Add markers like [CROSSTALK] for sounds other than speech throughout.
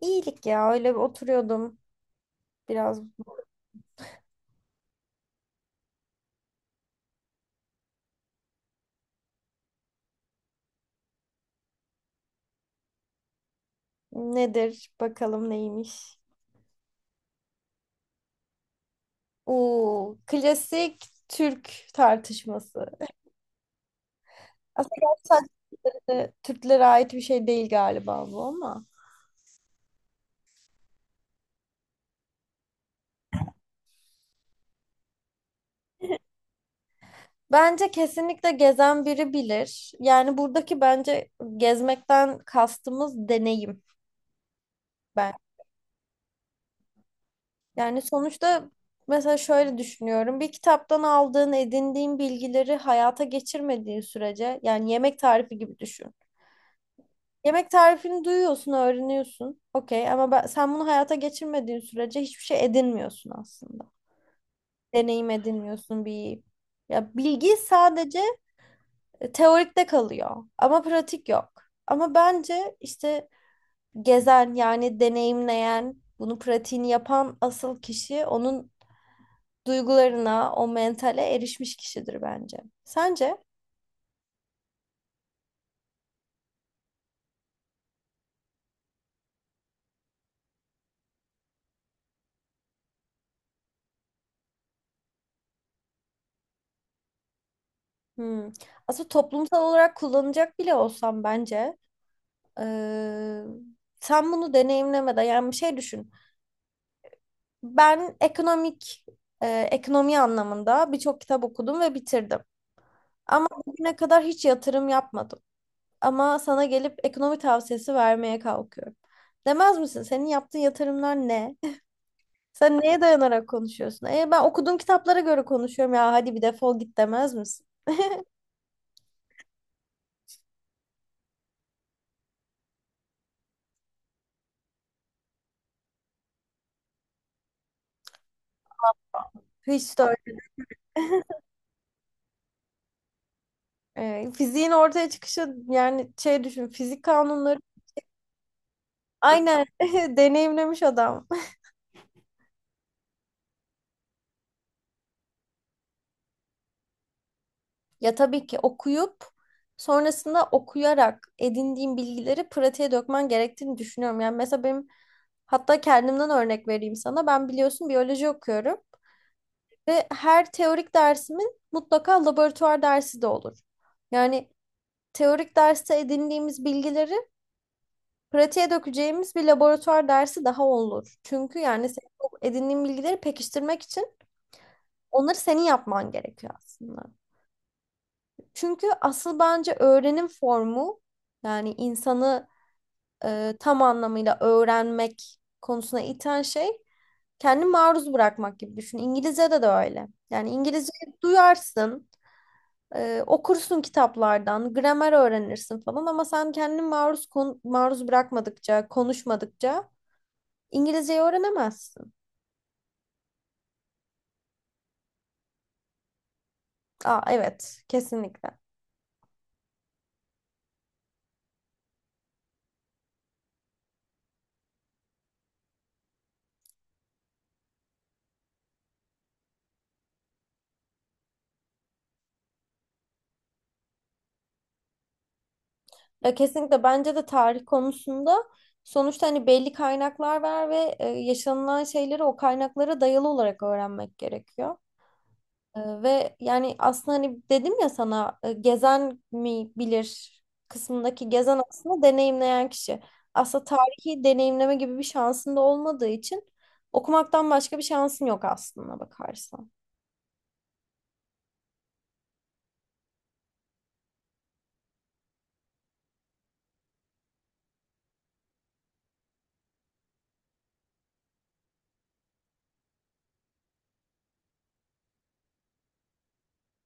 İyilik ya öyle bir oturuyordum biraz. Nedir bakalım neymiş? Oo, klasik Türk tartışması. Aslında gerçi sadece de Türklere ait bir şey değil galiba bu ama. Bence kesinlikle gezen biri bilir. Yani buradaki bence gezmekten kastımız deneyim ben. Yani sonuçta mesela şöyle düşünüyorum. Bir kitaptan aldığın, edindiğin bilgileri hayata geçirmediğin sürece yani yemek tarifi gibi düşün. Yemek tarifini duyuyorsun, öğreniyorsun. Okey ama sen bunu hayata geçirmediğin sürece hiçbir şey edinmiyorsun aslında. Deneyim edinmiyorsun bir ya bilgi sadece teorikte kalıyor ama pratik yok. Ama bence işte gezen yani deneyimleyen, bunu pratiğini yapan asıl kişi onun duygularına, o mentale erişmiş kişidir bence. Sence? Hmm. Aslında toplumsal olarak kullanacak bile olsam bence, Ee, sen bunu deneyimlemeden yani bir şey düşün. Ben ekonomik, ekonomi anlamında birçok kitap okudum ve bitirdim. Ama bugüne kadar hiç yatırım yapmadım. Ama sana gelip ekonomi tavsiyesi vermeye kalkıyorum. Demez misin? Senin yaptığın yatırımlar ne? [LAUGHS] Sen neye dayanarak konuşuyorsun? Ben okuduğum kitaplara göre konuşuyorum ya hadi bir defol git demez misin? Hiç de öyle. Fiziğin ortaya çıkışı yani şey düşün fizik kanunları aynen [LAUGHS] deneyimlemiş adam. Ya tabii ki okuyup sonrasında okuyarak edindiğim bilgileri pratiğe dökmen gerektiğini düşünüyorum. Yani mesela benim, hatta kendimden örnek vereyim sana. Ben biliyorsun biyoloji okuyorum ve her teorik dersimin mutlaka laboratuvar dersi de olur. Yani teorik derste edindiğimiz bilgileri pratiğe dökeceğimiz bir laboratuvar dersi daha olur. Çünkü yani senin o edindiğin bilgileri pekiştirmek için onları senin yapman gerekiyor aslında. Çünkü asıl bence öğrenim formu yani insanı, tam anlamıyla öğrenmek konusuna iten şey kendi maruz bırakmak gibi düşün. İngilizce'de de öyle. Yani İngilizce duyarsın, okursun kitaplardan, gramer öğrenirsin falan ama sen kendini maruz bırakmadıkça, konuşmadıkça İngilizceyi öğrenemezsin. Aa evet, kesinlikle. Ya kesinlikle bence de tarih konusunda sonuçta hani belli kaynaklar var ve yaşanılan şeyleri o kaynaklara dayalı olarak öğrenmek gerekiyor. Ve yani aslında hani dedim ya sana, gezen mi bilir kısmındaki gezen aslında deneyimleyen kişi. Aslında tarihi deneyimleme gibi bir şansın da olmadığı için okumaktan başka bir şansın yok aslında bakarsan.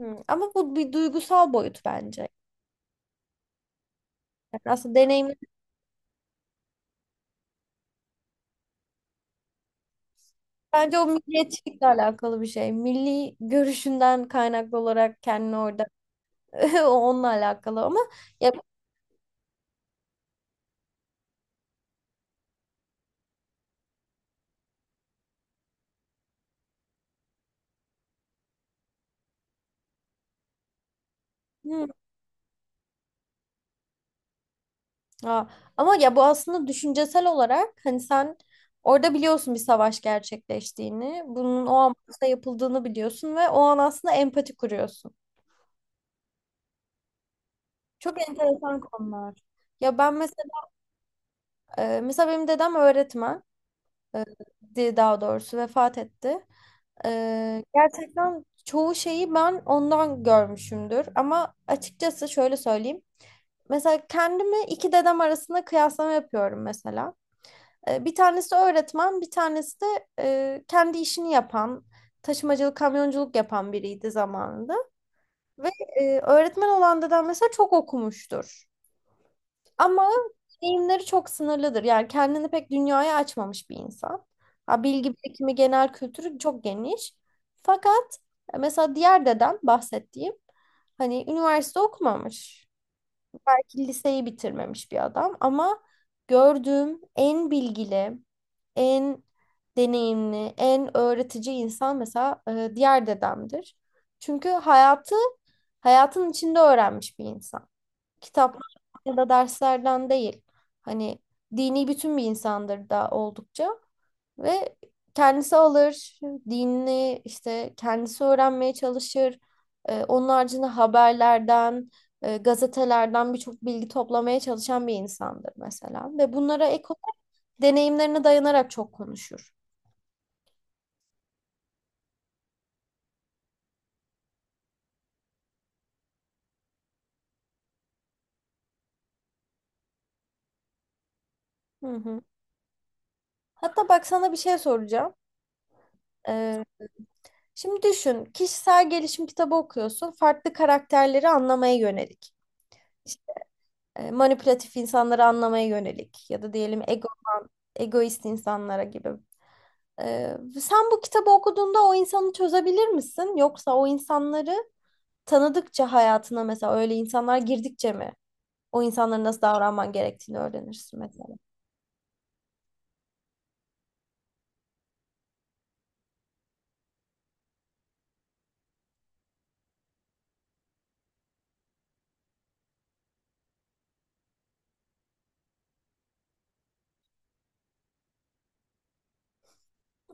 Hı, ama bu bir duygusal boyut bence. Yani aslında deneyim. Bence o milliyetçilikle alakalı bir şey. Milli görüşünden kaynaklı olarak kendini orada [LAUGHS] o onunla alakalı ama ya hmm, ha. Ama ya bu aslında düşüncesel olarak hani sen orada biliyorsun bir savaş gerçekleştiğini, bunun o amaçla yapıldığını biliyorsun ve o an aslında empati kuruyorsun. Çok enteresan konular. Ya ben mesela, mesela benim dedem öğretmen, e, daha doğrusu vefat etti. Gerçekten çoğu şeyi ben ondan görmüşümdür. Ama açıkçası şöyle söyleyeyim. Mesela kendimi iki dedem arasında kıyaslama yapıyorum mesela. Bir tanesi öğretmen, bir tanesi de, kendi işini yapan, taşımacılık, kamyonculuk yapan biriydi zamanında. Ve, öğretmen olan dedem mesela çok okumuştur. Ama deneyimleri çok sınırlıdır. Yani kendini pek dünyaya açmamış bir insan. Ha, bilgi birikimi, genel kültürü çok geniş. Fakat, mesela diğer dedem bahsettiğim hani üniversite okumamış. Belki liseyi bitirmemiş bir adam ama gördüğüm en bilgili, en deneyimli, en öğretici insan mesela diğer dedemdir. Çünkü hayatı hayatın içinde öğrenmiş bir insan, kitaplardan ya da derslerden değil. Hani dini bütün bir insandır da oldukça ve kendisi alır, dinini işte kendisi öğrenmeye çalışır. Onun haricinde haberlerden, gazetelerden birçok bilgi toplamaya çalışan bir insandır mesela. Ve bunlara ek deneyimlerine dayanarak çok konuşur. Hı hı. Hatta bak sana bir şey soracağım. Ee, Şimdi düşün, kişisel gelişim kitabı okuyorsun. Farklı karakterleri anlamaya yönelik. İşte, manipülatif insanları anlamaya yönelik ya da diyelim ego, egoist insanlara gibi. Sen bu kitabı okuduğunda o insanı çözebilir misin? Yoksa o insanları tanıdıkça hayatına mesela öyle insanlar girdikçe mi o insanlara nasıl davranman gerektiğini öğrenirsin mesela?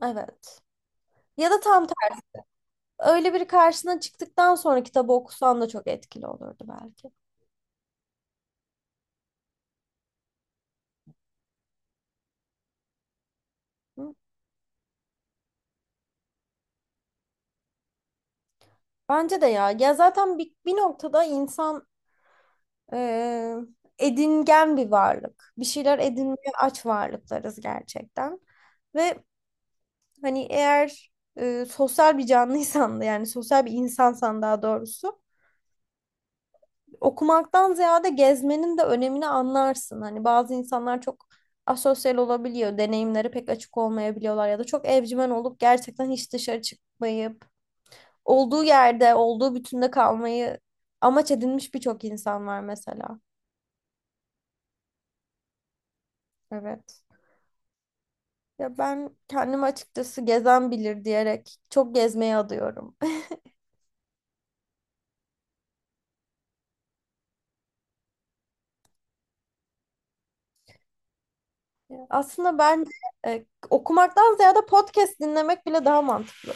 Evet. Ya da tam tersi. Öyle biri karşına çıktıktan sonra kitabı okusan da çok etkili olurdu belki. Hı? Bence de ya. Ya zaten bir noktada insan, Ee, edingen bir varlık. Bir şeyler edinmeye aç varlıklarız gerçekten. Ve hani eğer, sosyal bir canlıysan da yani sosyal bir insansan daha doğrusu okumaktan ziyade gezmenin de önemini anlarsın. Hani bazı insanlar çok asosyal olabiliyor. Deneyimleri pek açık olmayabiliyorlar ya da çok evcimen olup gerçekten hiç dışarı çıkmayıp olduğu yerde, olduğu bütünde kalmayı amaç edinmiş birçok insan var mesela. Evet. Ya ben kendim açıkçası gezen bilir diyerek çok gezmeye adıyorum. [LAUGHS] Aslında ben, okumaktan ziyade podcast dinlemek bile daha mantıklı.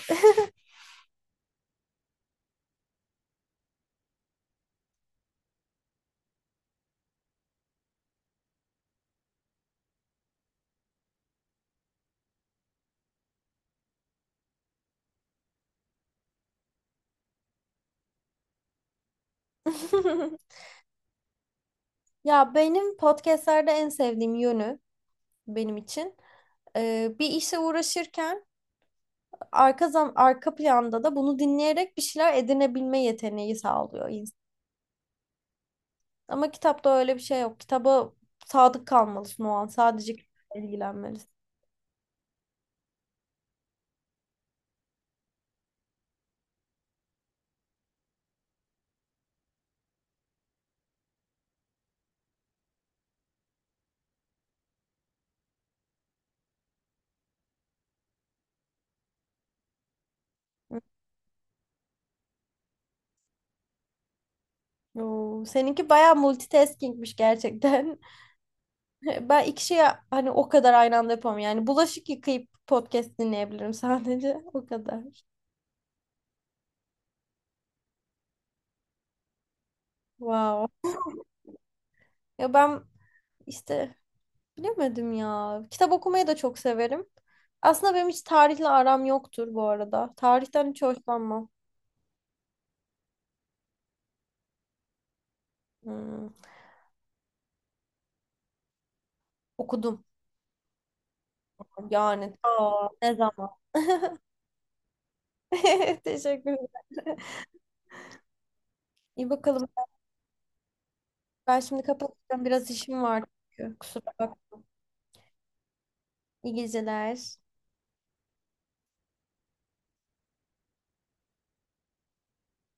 [LAUGHS] Ya benim podcastlerde en sevdiğim yönü benim için, bir işe uğraşırken arka planda da bunu dinleyerek bir şeyler edinebilme yeteneği sağlıyor insan. Ama kitapta öyle bir şey yok. Kitaba sadık kalmalısın o an. Sadece kitapla ilgilenmelisin. Oo, seninki bayağı multitaskingmiş gerçekten. [LAUGHS] Ben iki şeyi hani o kadar aynı anda yapamam. Yani bulaşık yıkayıp podcast dinleyebilirim sadece. [LAUGHS] O kadar. Wow. Ya ben işte bilemedim ya. Kitap okumayı da çok severim. Aslında benim hiç tarihle aram yoktur bu arada. Tarihten hiç hoşlanmam. Hmm. Okudum. Yani. Aa, ne zaman? [LAUGHS] Teşekkür ederim. İyi bakalım. Ben şimdi kapatacağım. Biraz işim var çünkü. Kusura bak. İyi geceler.